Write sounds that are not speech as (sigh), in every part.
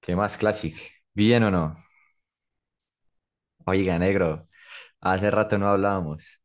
¿Qué más, Classic? ¿Bien o no? Oiga, negro, hace rato no hablábamos.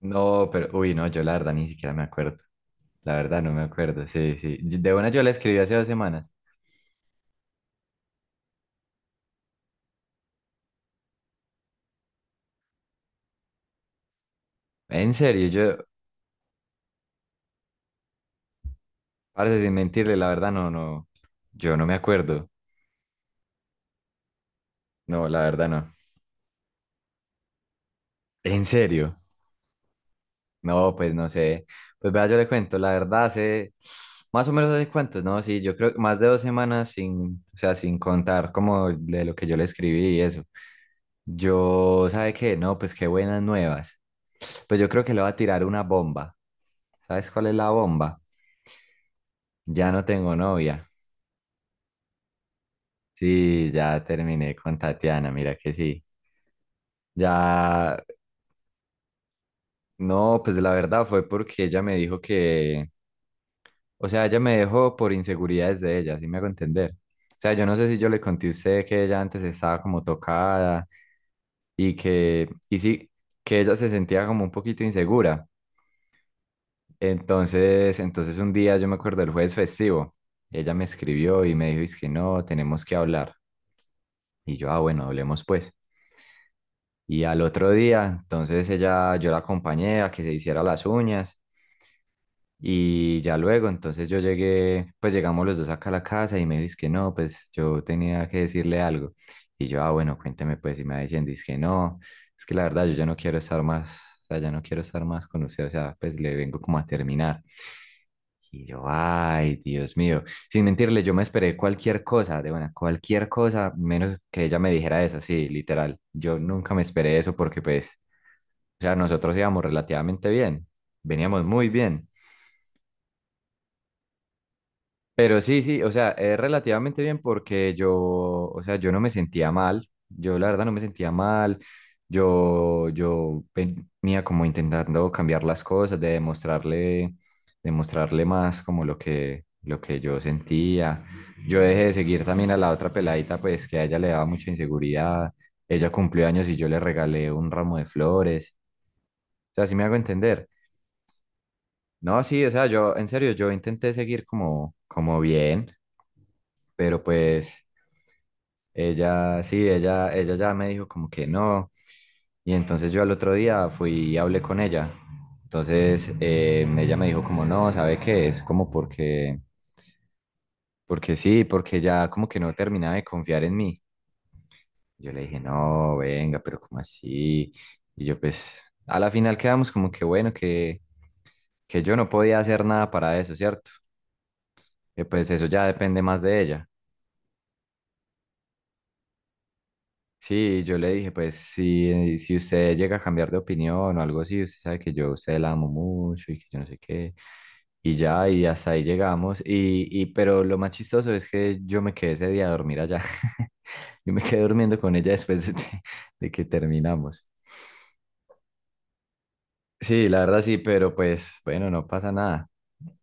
No, pero, uy, no, yo la verdad ni siquiera me acuerdo. La verdad no me acuerdo, sí, sí. De una yo la escribí hace 2 semanas. En serio, yo, parece sin mentirle, la verdad no, no, yo no me acuerdo. No, la verdad no. En serio. No, pues no sé. Pues vea, yo le cuento, la verdad, hace más o menos hace cuántos, ¿no? Sí, yo creo que más de 2 semanas sin, o sea, sin contar como de lo que yo le escribí y eso. Yo, ¿sabe qué? No, pues qué buenas nuevas. Pues yo creo que le voy a tirar una bomba. ¿Sabes cuál es la bomba? Ya no tengo novia. Sí, ya terminé con Tatiana, mira que sí. Ya, no, pues la verdad fue porque ella me dijo que, o sea, ella me dejó por inseguridades de ella, ¿sí me hago entender? O sea, yo no sé si yo le conté a usted que ella antes estaba como tocada y que, y sí, que ella se sentía como un poquito insegura. Entonces un día yo me acuerdo del jueves festivo, ella me escribió y me dijo, es que no, tenemos que hablar. Y yo, ah, bueno, hablemos pues. Y al otro día, entonces ella, yo la acompañé a que se hiciera las uñas. Y ya luego, entonces yo llegué, pues llegamos los dos acá a la casa y me dice que no, pues yo tenía que decirle algo. Y yo, ah, bueno, cuénteme pues, y me va diciendo, dice que no, es que la verdad yo ya no quiero estar más, o sea, ya no quiero estar más con usted, o sea, pues le vengo como a terminar. Y yo, ay, Dios mío, sin mentirle, yo me esperé cualquier cosa, de buena, cualquier cosa, menos que ella me dijera eso, sí, literal. Yo nunca me esperé eso porque pues, o sea, nosotros íbamos relativamente bien, veníamos muy bien. Pero sí, sí, o sea, es relativamente bien porque yo, o sea, yo no me sentía mal, yo la verdad no me sentía mal, yo venía como intentando cambiar las cosas, de demostrarle, demostrarle más como lo que yo sentía. Yo dejé de seguir también a la otra peladita, pues que a ella le daba mucha inseguridad, ella cumplió años y yo le regalé un ramo de flores, o sea, sí me hago entender. No, sí, o sea, yo, en serio, yo intenté seguir como, como bien, pero pues... Ella, sí, ella ya me dijo como que no. Y entonces yo al otro día fui y hablé con ella. Entonces ella me dijo como no, ¿sabe qué? Es como porque, porque sí, porque ya como que no terminaba de confiar en mí. Yo le dije, no, venga, pero ¿como así? Y yo pues a la final quedamos como que bueno, que yo no podía hacer nada para eso, ¿cierto? Que pues eso ya depende más de ella. Sí, yo le dije, pues si, si usted llega a cambiar de opinión o algo así, usted sabe que yo a usted la amo mucho y que yo no sé qué. Y ya, y hasta ahí llegamos. Y pero lo más chistoso es que yo me quedé ese día a dormir allá. (laughs) Yo me quedé durmiendo con ella después de, de que terminamos. Sí, la verdad sí, pero pues bueno, no pasa nada.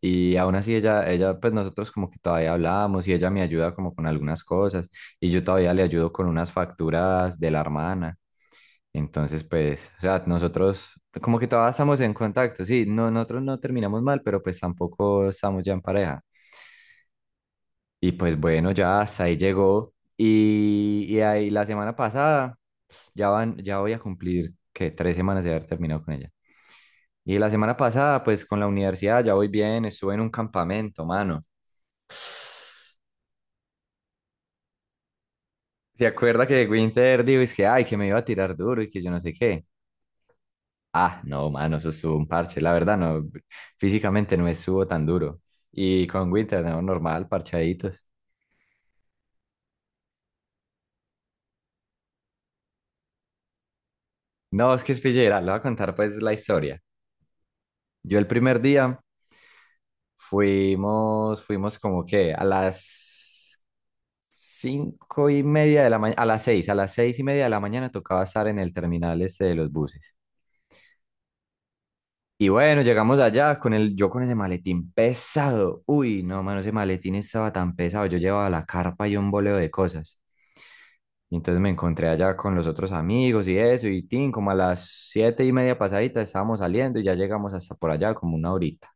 Y aún así ella, pues nosotros como que todavía hablábamos y ella me ayuda como con algunas cosas y yo todavía le ayudo con unas facturas de la hermana. Entonces, pues, o sea, nosotros como que todavía estamos en contacto, sí, no, nosotros no terminamos mal, pero pues tampoco estamos ya en pareja. Y pues bueno, ya hasta ahí llegó. Y ahí la semana pasada, ya van, ya voy a cumplir, que 3 semanas de haber terminado con ella. Y la semana pasada, pues con la universidad, ya voy bien, estuve en un campamento, mano. ¿Se acuerda que Winter dijo, es que, ay, que me iba a tirar duro y que yo no sé qué? Ah, no, mano, eso estuvo un parche. La verdad, no, físicamente no estuvo tan duro. Y con Winter, no, normal, parchaditos. No, es que es pillera, le voy a contar pues la historia. Yo el primer día fuimos como que a las 5:30 de la mañana, a las seis, a las 6:30 de la mañana tocaba estar en el terminal este de los buses. Y bueno, llegamos allá con el, yo con ese maletín pesado. Uy, no, mano, ese maletín estaba tan pesado. Yo llevaba la carpa y un boleo de cosas. Y entonces me encontré allá con los otros amigos y eso, y tin, como a las 7:30 pasadita estábamos saliendo y ya llegamos hasta por allá como una horita.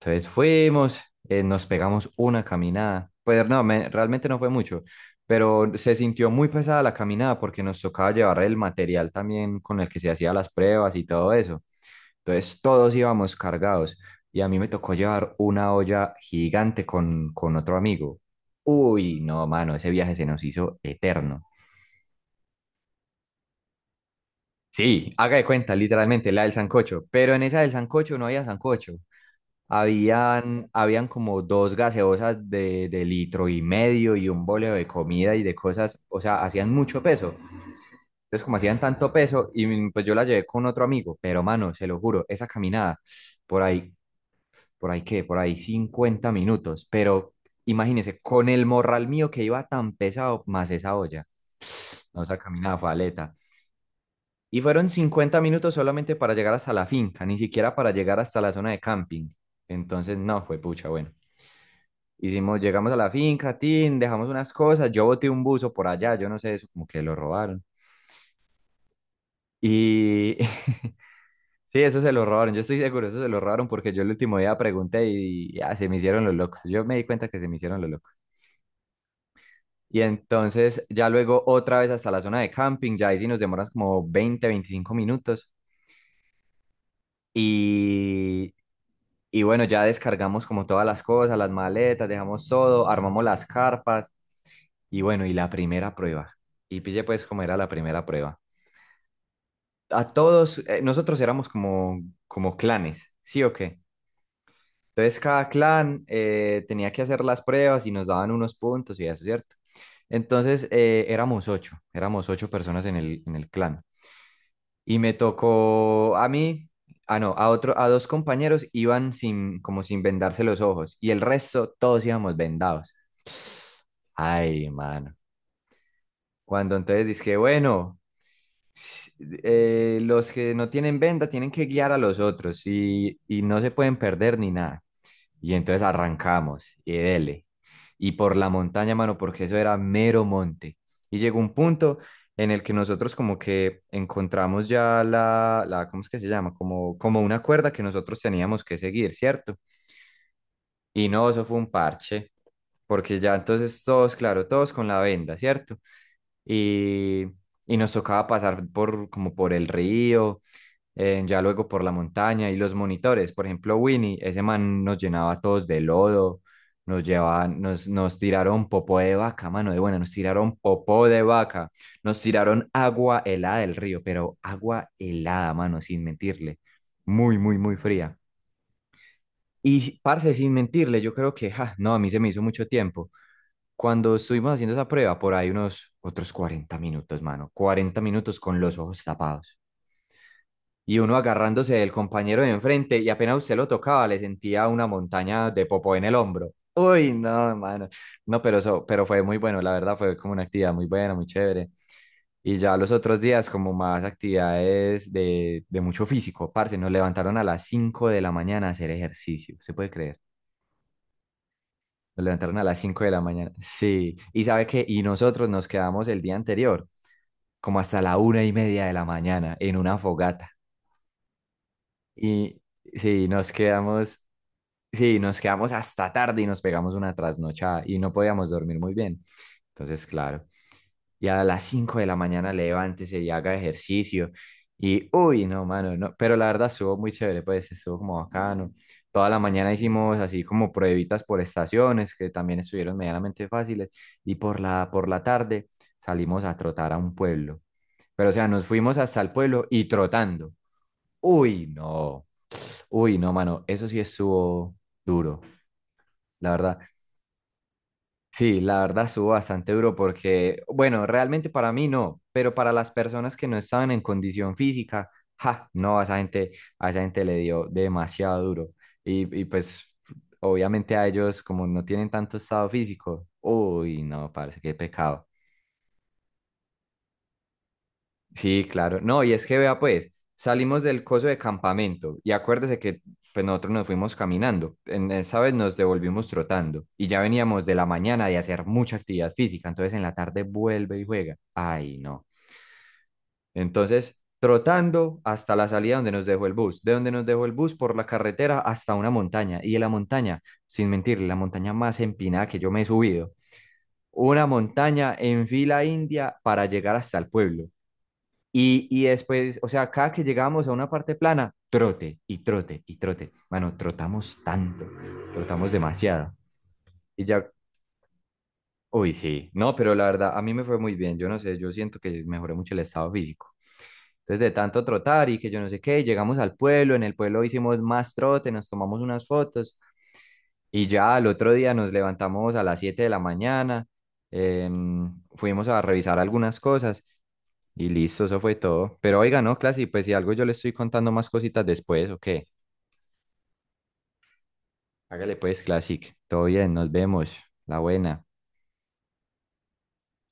Entonces fuimos, nos pegamos una caminada. Pues no, realmente no fue mucho, pero se sintió muy pesada la caminada porque nos tocaba llevar el material también con el que se hacían las pruebas y todo eso. Entonces todos íbamos cargados y a mí me tocó llevar una olla gigante con otro amigo. Uy, no, mano, ese viaje se nos hizo eterno. Sí, haga de cuenta, literalmente, la del sancocho. Pero en esa del sancocho no había sancocho. Habían como dos gaseosas de litro y medio y un boleo de comida y de cosas. O sea, hacían mucho peso. Entonces, como hacían tanto peso, y pues yo la llevé con otro amigo. Pero, mano, se lo juro, esa caminada, por ahí, por ahí qué, por ahí 50 minutos. Pero imagínese, con el morral mío que iba tan pesado, más esa olla. No, esa caminada fue. Y fueron 50 minutos solamente para llegar hasta la finca, ni siquiera para llegar hasta la zona de camping. Entonces, no, fue pucha, bueno. Hicimos, llegamos a la finca, tin, dejamos unas cosas, yo boté un buzo por allá, yo no sé, eso como que lo robaron. Y (laughs) sí, eso se lo robaron, yo estoy seguro, eso se lo robaron porque yo el último día pregunté y ya se me hicieron los locos. Yo me di cuenta que se me hicieron los locos. Y entonces ya luego otra vez hasta la zona de camping, ya ahí sí nos demoras como 20, 25 minutos. Y Y bueno, ya descargamos como todas las cosas, las maletas, dejamos todo, armamos las carpas y bueno, y la primera prueba. Y pille pues cómo era la primera prueba. A todos, nosotros éramos como, como clanes, ¿sí o qué? Entonces cada clan tenía que hacer las pruebas y nos daban unos puntos y eso, ¿cierto? Entonces éramos ocho personas en el clan. Y me tocó a mí, ah no, a otro, a dos compañeros iban sin, como sin vendarse los ojos y el resto todos íbamos vendados. Ay, mano. Cuando entonces dije, bueno, s- los que no tienen venda tienen que guiar a los otros y no se pueden perder ni nada. Y entonces arrancamos y dele. Y por la montaña, mano, porque eso era mero monte. Y llegó un punto en el que nosotros como que encontramos ya la ¿cómo es que se llama? Como, como una cuerda que nosotros teníamos que seguir, ¿cierto? Y no, eso fue un parche, porque ya entonces todos, claro, todos con la venda, ¿cierto? Y, y nos tocaba pasar por, como por el río, ya luego por la montaña y los monitores. Por ejemplo, Winnie, ese man nos llenaba a todos de lodo, nos llevaban, nos tiraron popó de vaca, mano de buena, nos tiraron popó de vaca, nos tiraron agua helada del río, pero agua helada, mano, sin mentirle, muy, muy, muy fría. Y parce, sin mentirle, yo creo que, ja, no, a mí se me hizo mucho tiempo. Cuando estuvimos haciendo esa prueba, por ahí unos otros 40 minutos, mano, 40 minutos con los ojos tapados y uno agarrándose del compañero de enfrente y apenas usted lo tocaba le sentía una montaña de popó en el hombro. Uy, no, hermano. No, pero eso, pero fue muy bueno, la verdad fue como una actividad muy buena, muy chévere. Y ya los otros días como más actividades de mucho físico, parce, nos levantaron a las 5 de la mañana a hacer ejercicio, se puede creer. Nos levantaron a las 5 de la mañana. Sí, y sabe qué, y nosotros nos quedamos el día anterior como hasta la 1:30 de la mañana en una fogata. Y sí, nos quedamos Sí, nos quedamos hasta tarde y nos pegamos una trasnochada y no podíamos dormir muy bien. Entonces, claro, y a las 5 de la mañana levántese y haga ejercicio. Y, uy, no, mano, no, pero la verdad estuvo muy chévere, pues estuvo como bacano. Toda la mañana hicimos así como pruebitas por estaciones, que también estuvieron medianamente fáciles. Y por la tarde salimos a trotar a un pueblo. Pero, o sea, nos fuimos hasta el pueblo y trotando. Uy, no, uy, no, mano, eso sí estuvo duro. La verdad, sí, la verdad subo bastante duro porque, bueno, realmente para mí no, pero para las personas que no estaban en condición física, ja, no, a esa gente le dio demasiado duro. Y pues, obviamente a ellos, como no tienen tanto estado físico, uy, no, parece qué pecado. Sí, claro. No, y es que vea, pues, salimos del coso de campamento y acuérdese que pues, nosotros nos fuimos caminando. En esa vez nos devolvimos trotando y ya veníamos de la mañana de hacer mucha actividad física. Entonces en la tarde vuelve y juega. Ay, no. Entonces, trotando hasta la salida donde nos dejó el bus. De donde nos dejó el bus por la carretera hasta una montaña. Y de la montaña, sin mentir, la montaña más empinada que yo me he subido. Una montaña en fila india para llegar hasta el pueblo. Y después, o sea, cada que llegábamos a una parte plana, trote y trote y trote. Bueno, trotamos tanto, trotamos demasiado. Y ya, uy, sí, no, pero la verdad, a mí me fue muy bien. Yo no sé, yo siento que mejoré mucho el estado físico. Entonces, de tanto trotar y que yo no sé qué, llegamos al pueblo, en el pueblo hicimos más trote, nos tomamos unas fotos y ya al otro día nos levantamos a las 7 de la mañana, fuimos a revisar algunas cosas. Y listo, eso fue todo. Pero oiga, no, Classic, pues si algo yo le estoy contando más cositas después, ¿o qué? Hágale pues, Classic. Todo bien, nos vemos. La buena.